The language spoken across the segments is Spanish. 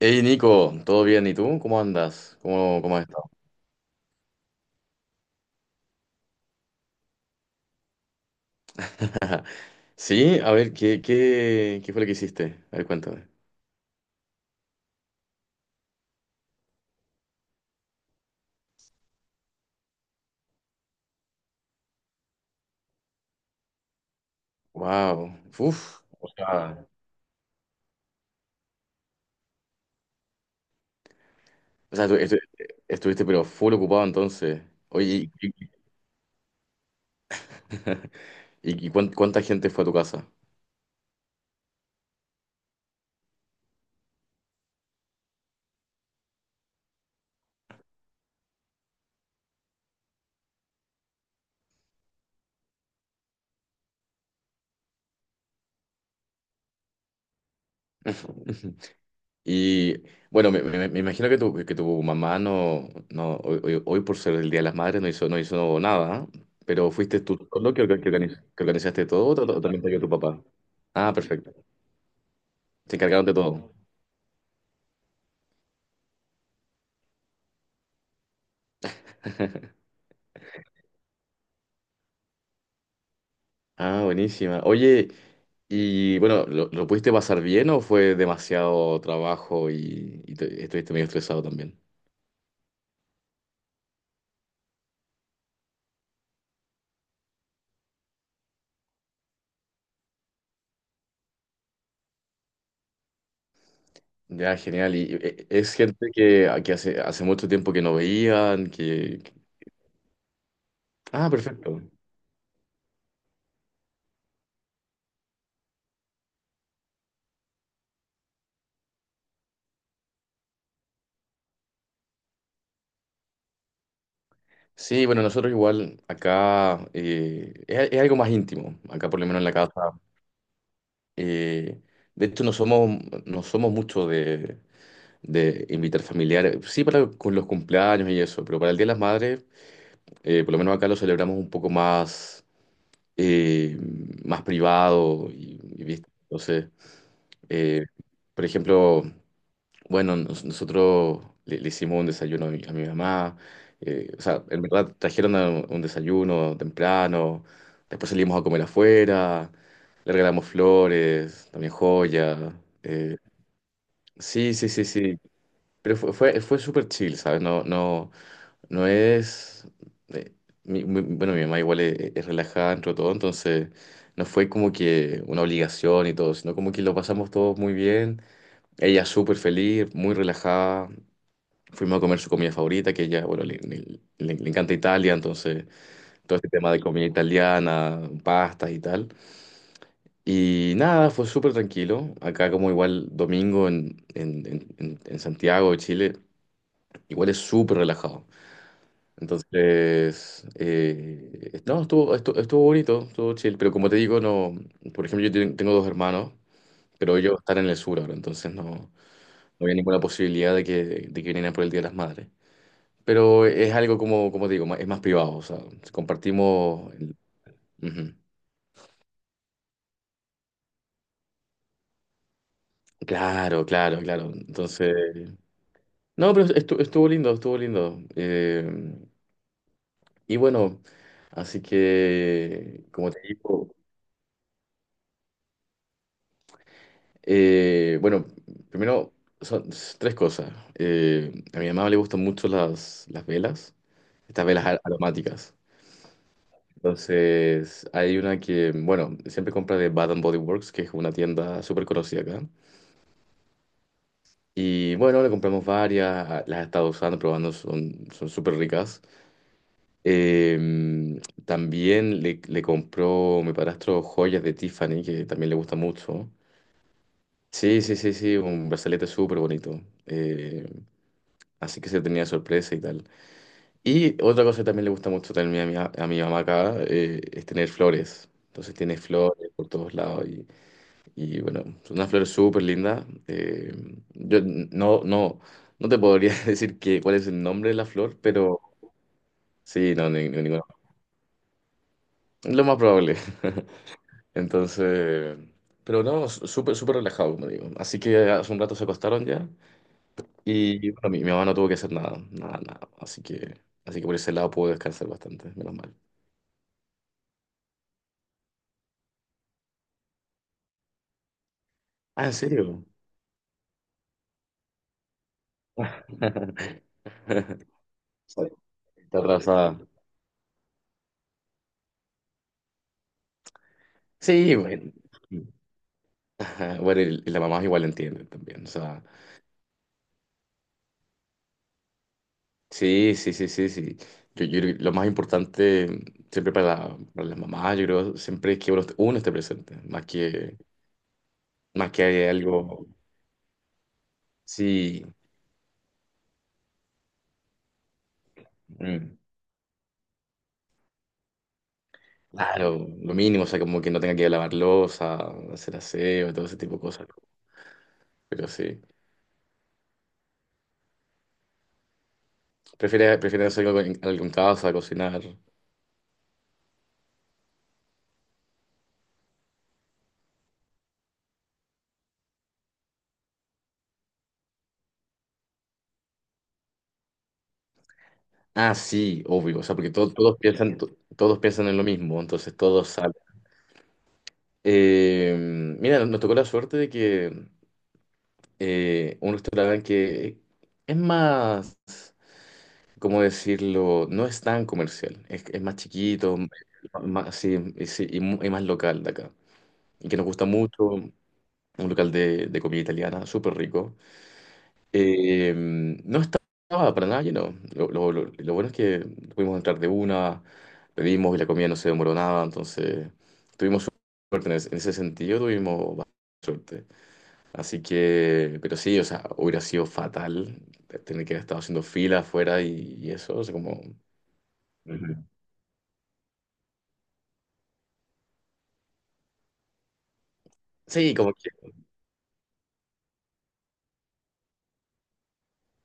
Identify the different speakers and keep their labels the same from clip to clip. Speaker 1: Hey Nico, ¿todo bien? ¿Y tú? ¿Cómo andas? ¿Cómo has estado? Sí, a ver, ¿qué fue lo que hiciste? A ver, cuéntame. Wow. uf, o sea, Tú estuviste pero full ocupado entonces. Oye, y- ¿Cuánta gente fue a tu casa? Y bueno, me imagino que que tu mamá no, no hoy, hoy- hoy, por ser el Día de las Madres, no hizo nada, ¿eh? Pero fuiste tú solo que organizaste todo, o también te ayudó tu papá. Ah, perfecto. Se encargaron de todo. Ah, buenísima. Oye, y bueno, lo pudiste pasar bien o fue demasiado trabajo y estuviste medio estresado también? Ya, genial. Es gente que hace mucho tiempo que no veían, que- Ah, perfecto. Sí, bueno, nosotros igual acá, es algo más íntimo, acá por lo menos en la casa. Eh, de hecho, no somos, No somos mucho de invitar familiares, sí para con los cumpleaños y eso, pero para el Día de las Madres, por lo menos acá lo celebramos un poco más, eh, más privado y, ¿viste? Entonces, eh, por ejemplo, bueno, le hicimos un desayuno a a mi mamá. En verdad trajeron un desayuno temprano. Después salimos a comer afuera. Le regalamos flores, también joyas. eh, sí, sí, sí, sí. Pero fue, fue, fue súper chill, ¿sabes? No, no, no es. Eh, mi- mi- Bueno, mi mamá igual es relajada dentro de todo, entonces no fue como que una obligación y todo, sino como que lo pasamos todos muy bien. Ella súper feliz, muy relajada. Fuimos a comer su comida favorita, que ella, bueno, le encanta Italia, entonces todo este tema de comida italiana, pastas y tal. Y nada, fue súper tranquilo. Acá como igual domingo en Santiago de Chile, igual es súper relajado. Entonces, no, estuvo, estu- estuvo bonito, estuvo chill, pero como te digo, no, por ejemplo, yo tengo dos hermanos, pero ellos están en el sur ahora, entonces no había ninguna posibilidad de que vinieran por el Día de las Madres. Pero es algo, como como te digo, es más privado, o sea, compartimos... el- Ujú. Claro, claro, claro. Entonces, no, pero estuvo lindo, estuvo lindo. Y bueno, así que, como te digo, bueno, primero son tres cosas. A mi mamá le gustan mucho las velas, estas velas aromáticas. Entonces, hay una que, bueno, siempre compra de Bath and Body Works, que es una tienda súper conocida acá. Y bueno, le compramos varias, las he estado usando, probando, son, son súper ricas. Em, Le compró mi padrastro joyas de Tiffany, que también le gusta mucho. Sí, sí, sí, sí, un brazalete súper bonito. Así que se tenía sorpresa y tal. Y otra cosa que también le gusta mucho también a a mi mamá acá, es tener flores. Entonces tiene flores por todos lados. Y bueno, es una flor súper linda. Yo no, no, no te podría decir que, cuál es el nombre de la flor, pero sí, no, ninguna. Es lo más probable. Entonces, pero no, súper, súper relajado, como digo. Así que hace un rato se acostaron ya, y bueno, mi mamá no tuvo que hacer nada, nada, nada. Así que por ese lado puedo descansar bastante, menos mal. Ah, ¿en serio? Está arrasada. Sí, bueno. Ajá. Bueno, y la mamá igual entiende también, o sea. Sí, sí, sí, sí, sí. Yo creo que lo más importante siempre para las mamás, yo creo, siempre es que uno esté presente, más que haya algo, sí, mm, claro, lo mínimo, o sea, como que no tenga que lavar losa, hacer aseo, todo ese tipo de cosas. Pero sí, prefiere, prefiere hacer algo en, algo en casa, cocinar. Ah, sí, obvio, o sea, porque todos piensan en lo mismo, entonces todos salen. Eh, mira, nos tocó la suerte de que, un restaurante que es más, ¿cómo decirlo? No es tan comercial, es más chiquito, más, sí, y sí, y más local de acá. Y que nos gusta mucho, un local de comida italiana, súper rico. No estaba para nada lleno. Lo bueno es que pudimos entrar de una, pedimos y la comida no se demoró nada, entonces tuvimos suerte en ese sentido, tuvimos bastante suerte. Así que, pero sí, o sea, hubiera sido fatal tener que haber estado haciendo fila afuera y eso, o sea, como... Ujú. Sí, como que...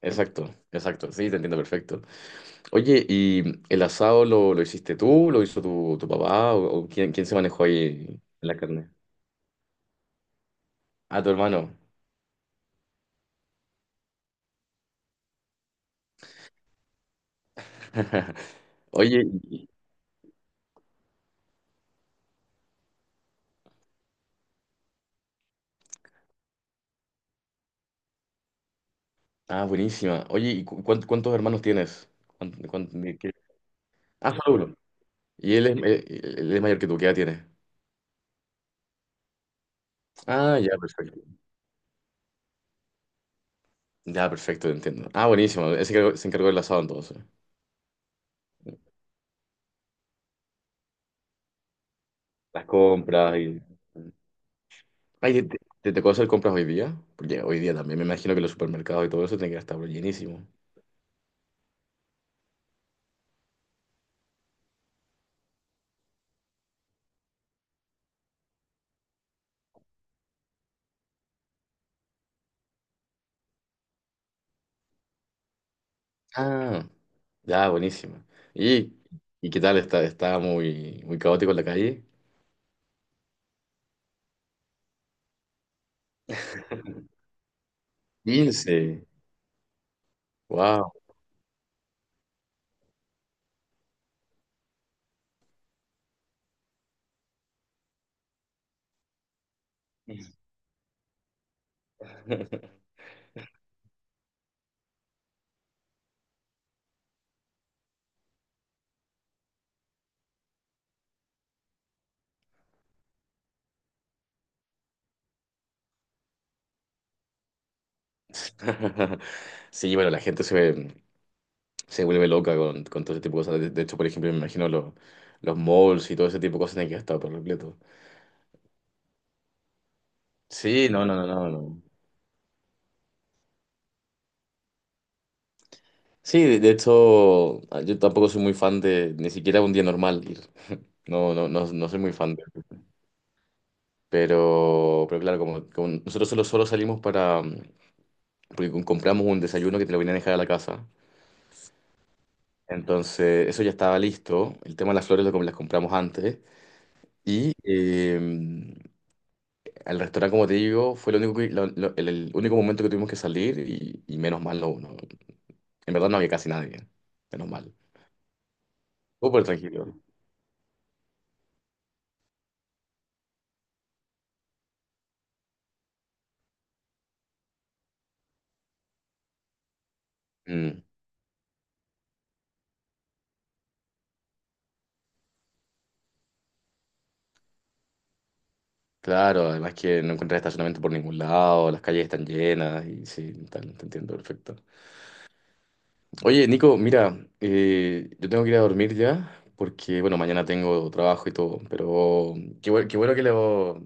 Speaker 1: Exacto, exacto, sí, te entiendo perfecto. Oye, ¿y el asado lo hiciste tú? ¿Lo hizo tu papá? O quién, quién se manejó ahí en la carne? Ah, tu hermano. Oye, y- ah, buenísima. Oye, ¿y cuántos hermanos tienes? ¿Cuán- cuán- de qué? Ah, solo uno. Y él es mayor que tú, ¿qué edad tiene? Ah, ya, perfecto. Ya, perfecto, te entiendo. Ah, buenísimo. Ese se encargó del asado entonces. Las compras y... Ay, te tocó hacer compras hoy día? Porque hoy día también me imagino que los supermercados y todo eso tienen que estar llenísimo. Ah, ya, buenísimo. ¿Y, y qué tal? ¿Está, está muy, muy caótico en la calle? 15. Wow. Sí, bueno, la gente se vuelve loca con todo ese tipo de cosas. De hecho, por ejemplo, me imagino los malls y todo ese tipo de cosas tienen que estar por completo. Sí, no, no, no, no, no. Sí, de hecho, ah, yo tampoco soy muy fan de ni siquiera un día normal ir. No, no, no, no soy muy fan de. Pero claro, como, como nosotros solo salimos para. Mm. Porque compramos un desayuno que te lo venían a dejar a la casa. Entonces, eso ya estaba listo. El tema de las flores lo, las compramos antes. Y al restaurante, como te digo, fue lo único que- el único momento que tuvimos que salir y menos mal no, no- En verdad no había casi nadie. Menos mal. Súper tranquilo. Mm. Claro, además que no encontrás estacionamiento por ningún lado, las calles están llenas y sí, tal, te entiendo perfecto. Oye, Nico, mira, yo tengo que ir a dormir ya porque, bueno, mañana tengo trabajo y todo, pero qué, qué bueno que,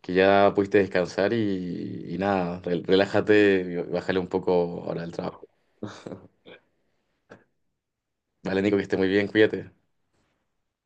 Speaker 1: que ya pudiste descansar y nada, relájate y bájale un poco ahora el trabajo. Vale, Nico, que esté muy bien, cuídate.